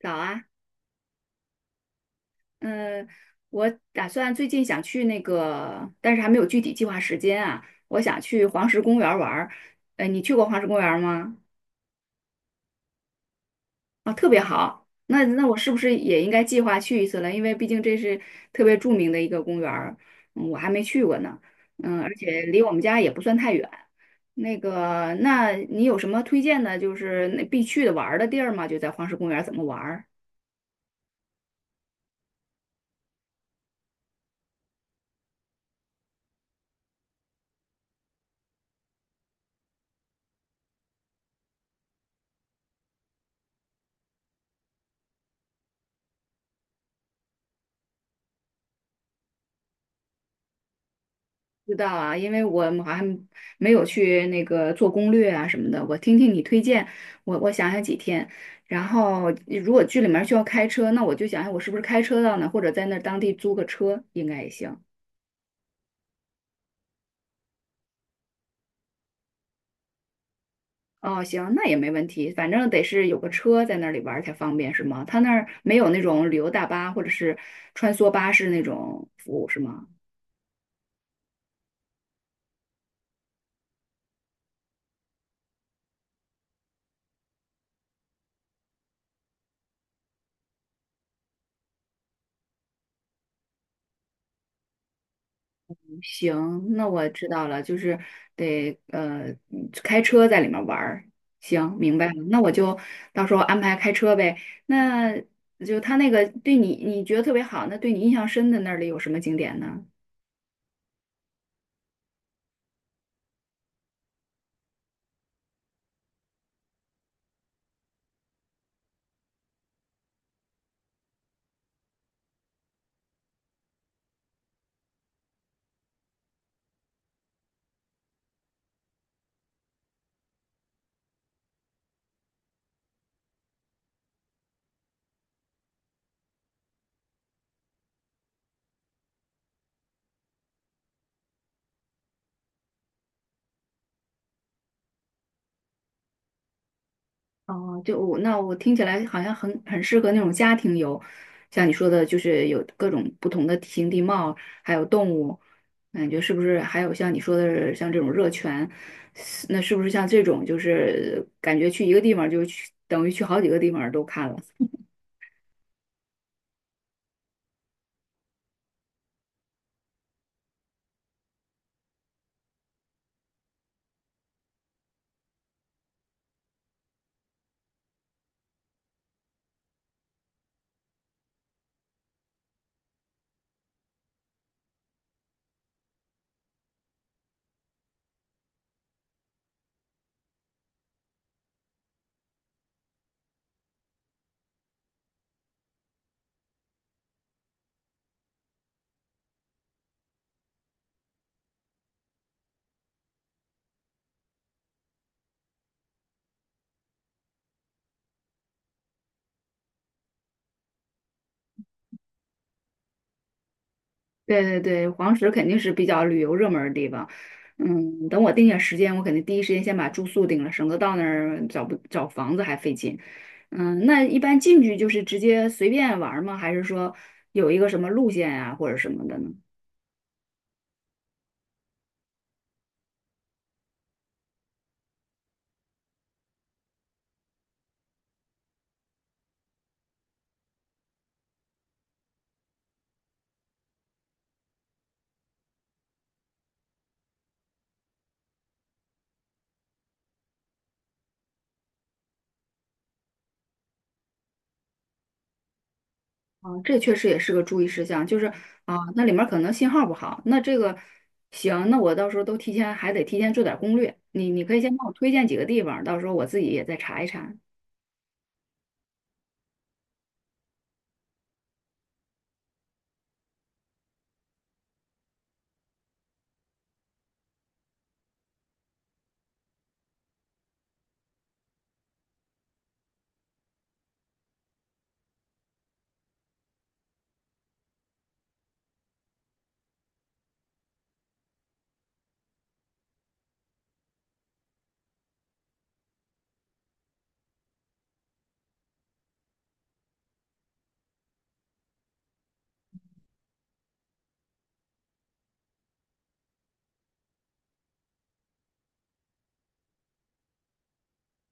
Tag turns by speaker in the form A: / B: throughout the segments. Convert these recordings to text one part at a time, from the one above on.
A: 早啊，嗯，我打算最近想去那个，但是还没有具体计划时间啊。我想去黄石公园儿玩儿，你去过黄石公园儿吗？啊，特别好。那我是不是也应该计划去一次了？因为毕竟这是特别著名的一个公园儿，嗯，我还没去过呢。嗯，而且离我们家也不算太远。那个，那你有什么推荐的，就是那必去的玩儿的地儿吗？就在黄石公园儿怎么玩儿？知道啊，因为我们好像没有去那个做攻略啊什么的。我听听你推荐，我想想几天。然后如果剧里面需要开车，那我就想想我是不是开车到那，或者在那儿当地租个车应该也行。哦，行，那也没问题，反正得是有个车在那里玩儿才方便，是吗？他那儿没有那种旅游大巴或者是穿梭巴士那种服务，是吗？行，那我知道了，就是得开车在里面玩儿。行，明白了，那我就到时候安排开车呗。那就他那个对你觉得特别好，那对你印象深的那里有什么景点呢？哦，就我那我听起来好像很适合那种家庭游，像你说的，就是有各种不同的地形地貌，还有动物，感觉是不是还有像你说的，像这种热泉，是那是不是像这种就是感觉去一个地方就去，等于去好几个地方都看了？对对对，黄石肯定是比较旅游热门儿的地方。嗯，等我定下时间，我肯定第一时间先把住宿定了，省得到那儿找不找房子还费劲。嗯，那一般进去就是直接随便玩儿吗？还是说有一个什么路线呀、或者什么的呢？啊，这确实也是个注意事项，就是啊，那里面儿可能信号不好。那这个行，那我到时候都提前还得提前做点儿攻略。你你可以先帮我推荐几个地方，到时候我自己也再查一查。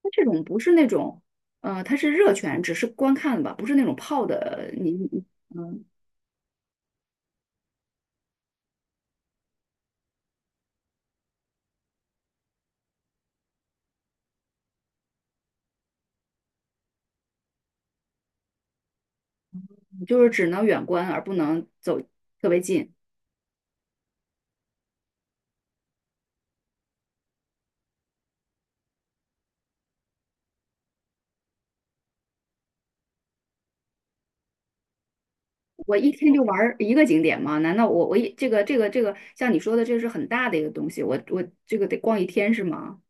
A: 它这种不是那种，它是热泉，只是观看吧，不是那种泡的，你，你嗯，就是只能远观而不能走特别近。我一天就玩儿一个景点吗？难道我我一这个这个这个像你说的，这是很大的一个东西，我这个得逛一天是吗？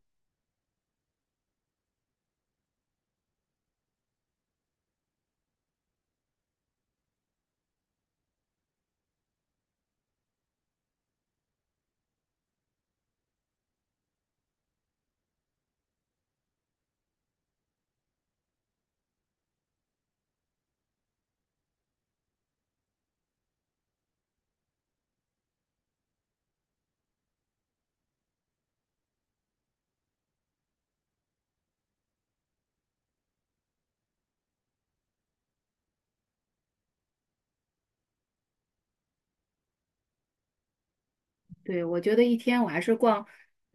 A: 对，我觉得一天我还是逛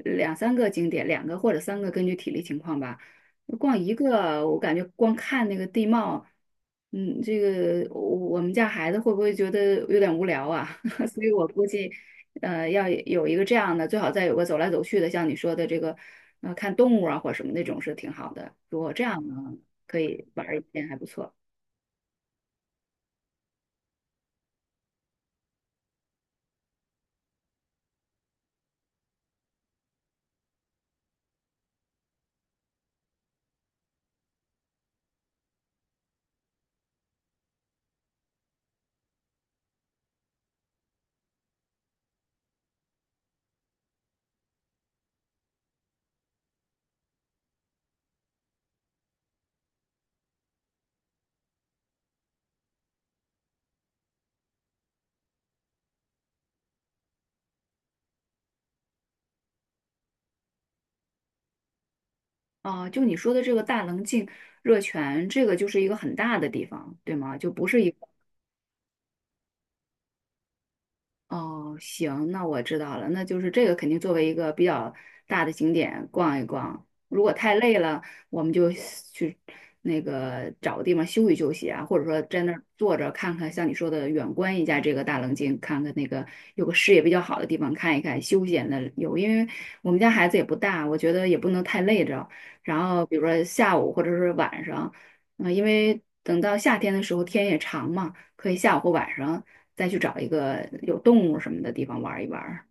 A: 呃两三个景点，两个或者三个，根据体力情况吧。逛一个，我感觉光看那个地貌，嗯，这个我们家孩子会不会觉得有点无聊啊？所以我估计，呃，要有一个这样的，最好再有个走来走去的，像你说的这个，看动物啊或者什么那种是挺好的。如果这样呢，可以玩儿一天还不错。啊。就你说的这个大棱镜热泉，这个就是一个很大的地方，对吗？就不是一个哦，行，那我知道了，那就是这个肯定作为一个比较大的景点逛一逛。如果太累了，我们就去那个找个地方休息休息啊，或者说在那儿坐着看看，像你说的远观一下这个大棱镜，看看那个有个视野比较好的地方看一看，休闲的有。因为我们家孩子也不大，我觉得也不能太累着。然后比如说下午或者是晚上，嗯、因为等到夏天的时候天也长嘛，可以下午或晚上。再去找一个有动物什么的地方玩一玩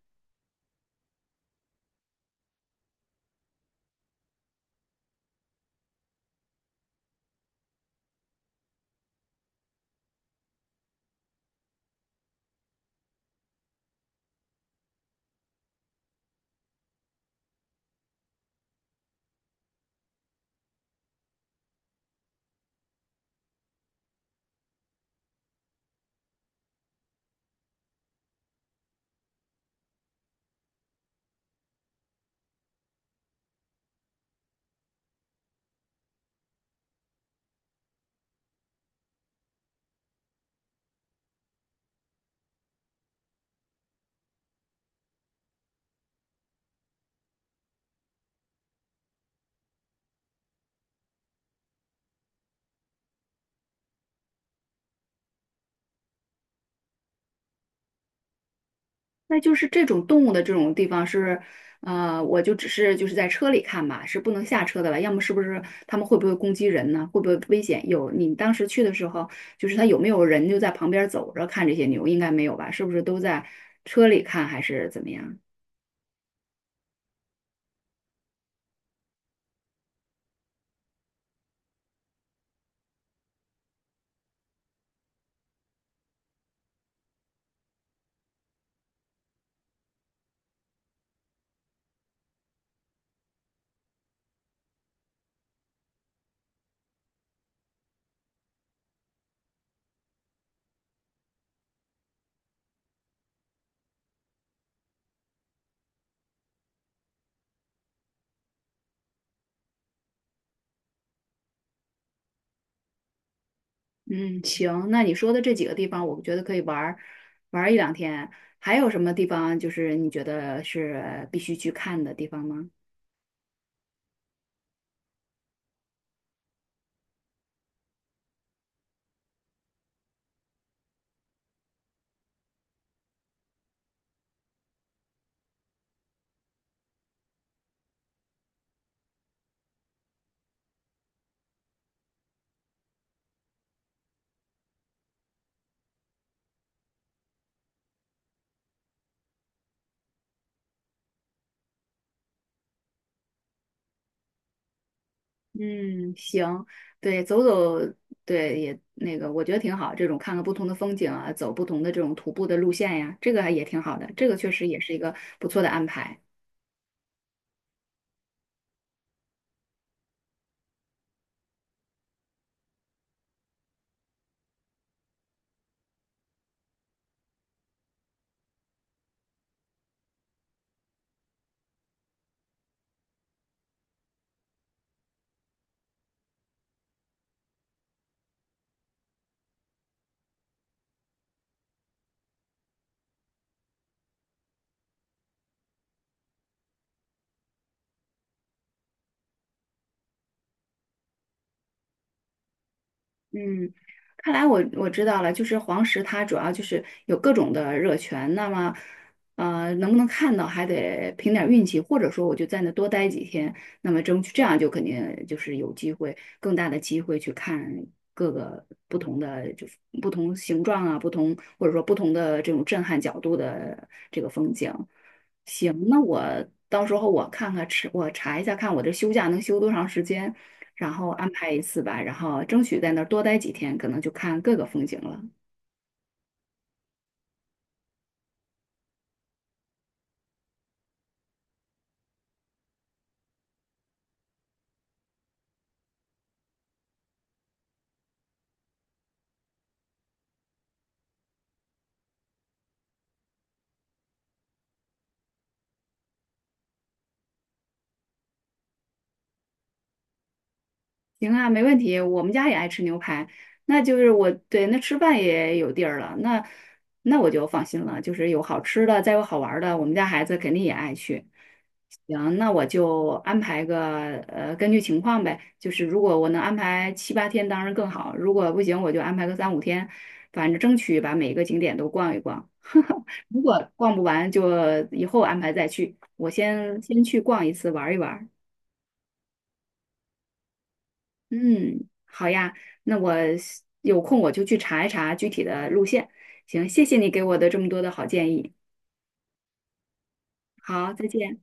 A: 那就是这种动物的这种地方是，我就只是就是在车里看吧，是不能下车的了。要么是不是他们会不会攻击人呢？会不会危险？有你当时去的时候，就是他有没有人就在旁边走着看这些牛？应该没有吧？是不是都在车里看还是怎么样？嗯，行，那你说的这几个地方，我觉得可以玩儿一两天。还有什么地方就是你觉得是必须去看的地方吗？嗯，行，对，走走，对，也那个，我觉得挺好。这种看看不同的风景啊，走不同的这种徒步的路线呀，这个还也挺好的。这个确实也是一个不错的安排。嗯，看来我知道了，就是黄石它主要就是有各种的热泉，那么，能不能看到还得凭点儿运气，或者说我就在那多待几天，那么争取这样就肯定就是有机会，更大的机会去看各个不同的就是不同形状啊，不同或者说不同的这种震撼角度的这个风景。行，那我到时候我看看，吃我查一下，看我这休假能休多长时间。然后安排一次吧，然后争取在那儿多待几天，可能就看各个风景了。行啊，没问题，我们家也爱吃牛排，那就是我，对，那吃饭也有地儿了，那那我就放心了，就是有好吃的，再有好玩儿的，我们家孩子肯定也爱去。行，那我就安排个,根据情况呗。就是如果我能安排7、8天，当然更好；如果不行，我就安排个3到5天，反正争取把每一个景点都逛一逛。如果逛不完，就以后安排再去。我先去逛一次，玩一玩。嗯，好呀，那我有空我就去查一查具体的路线。行，谢谢你给我的这么多的好建议。好，再见。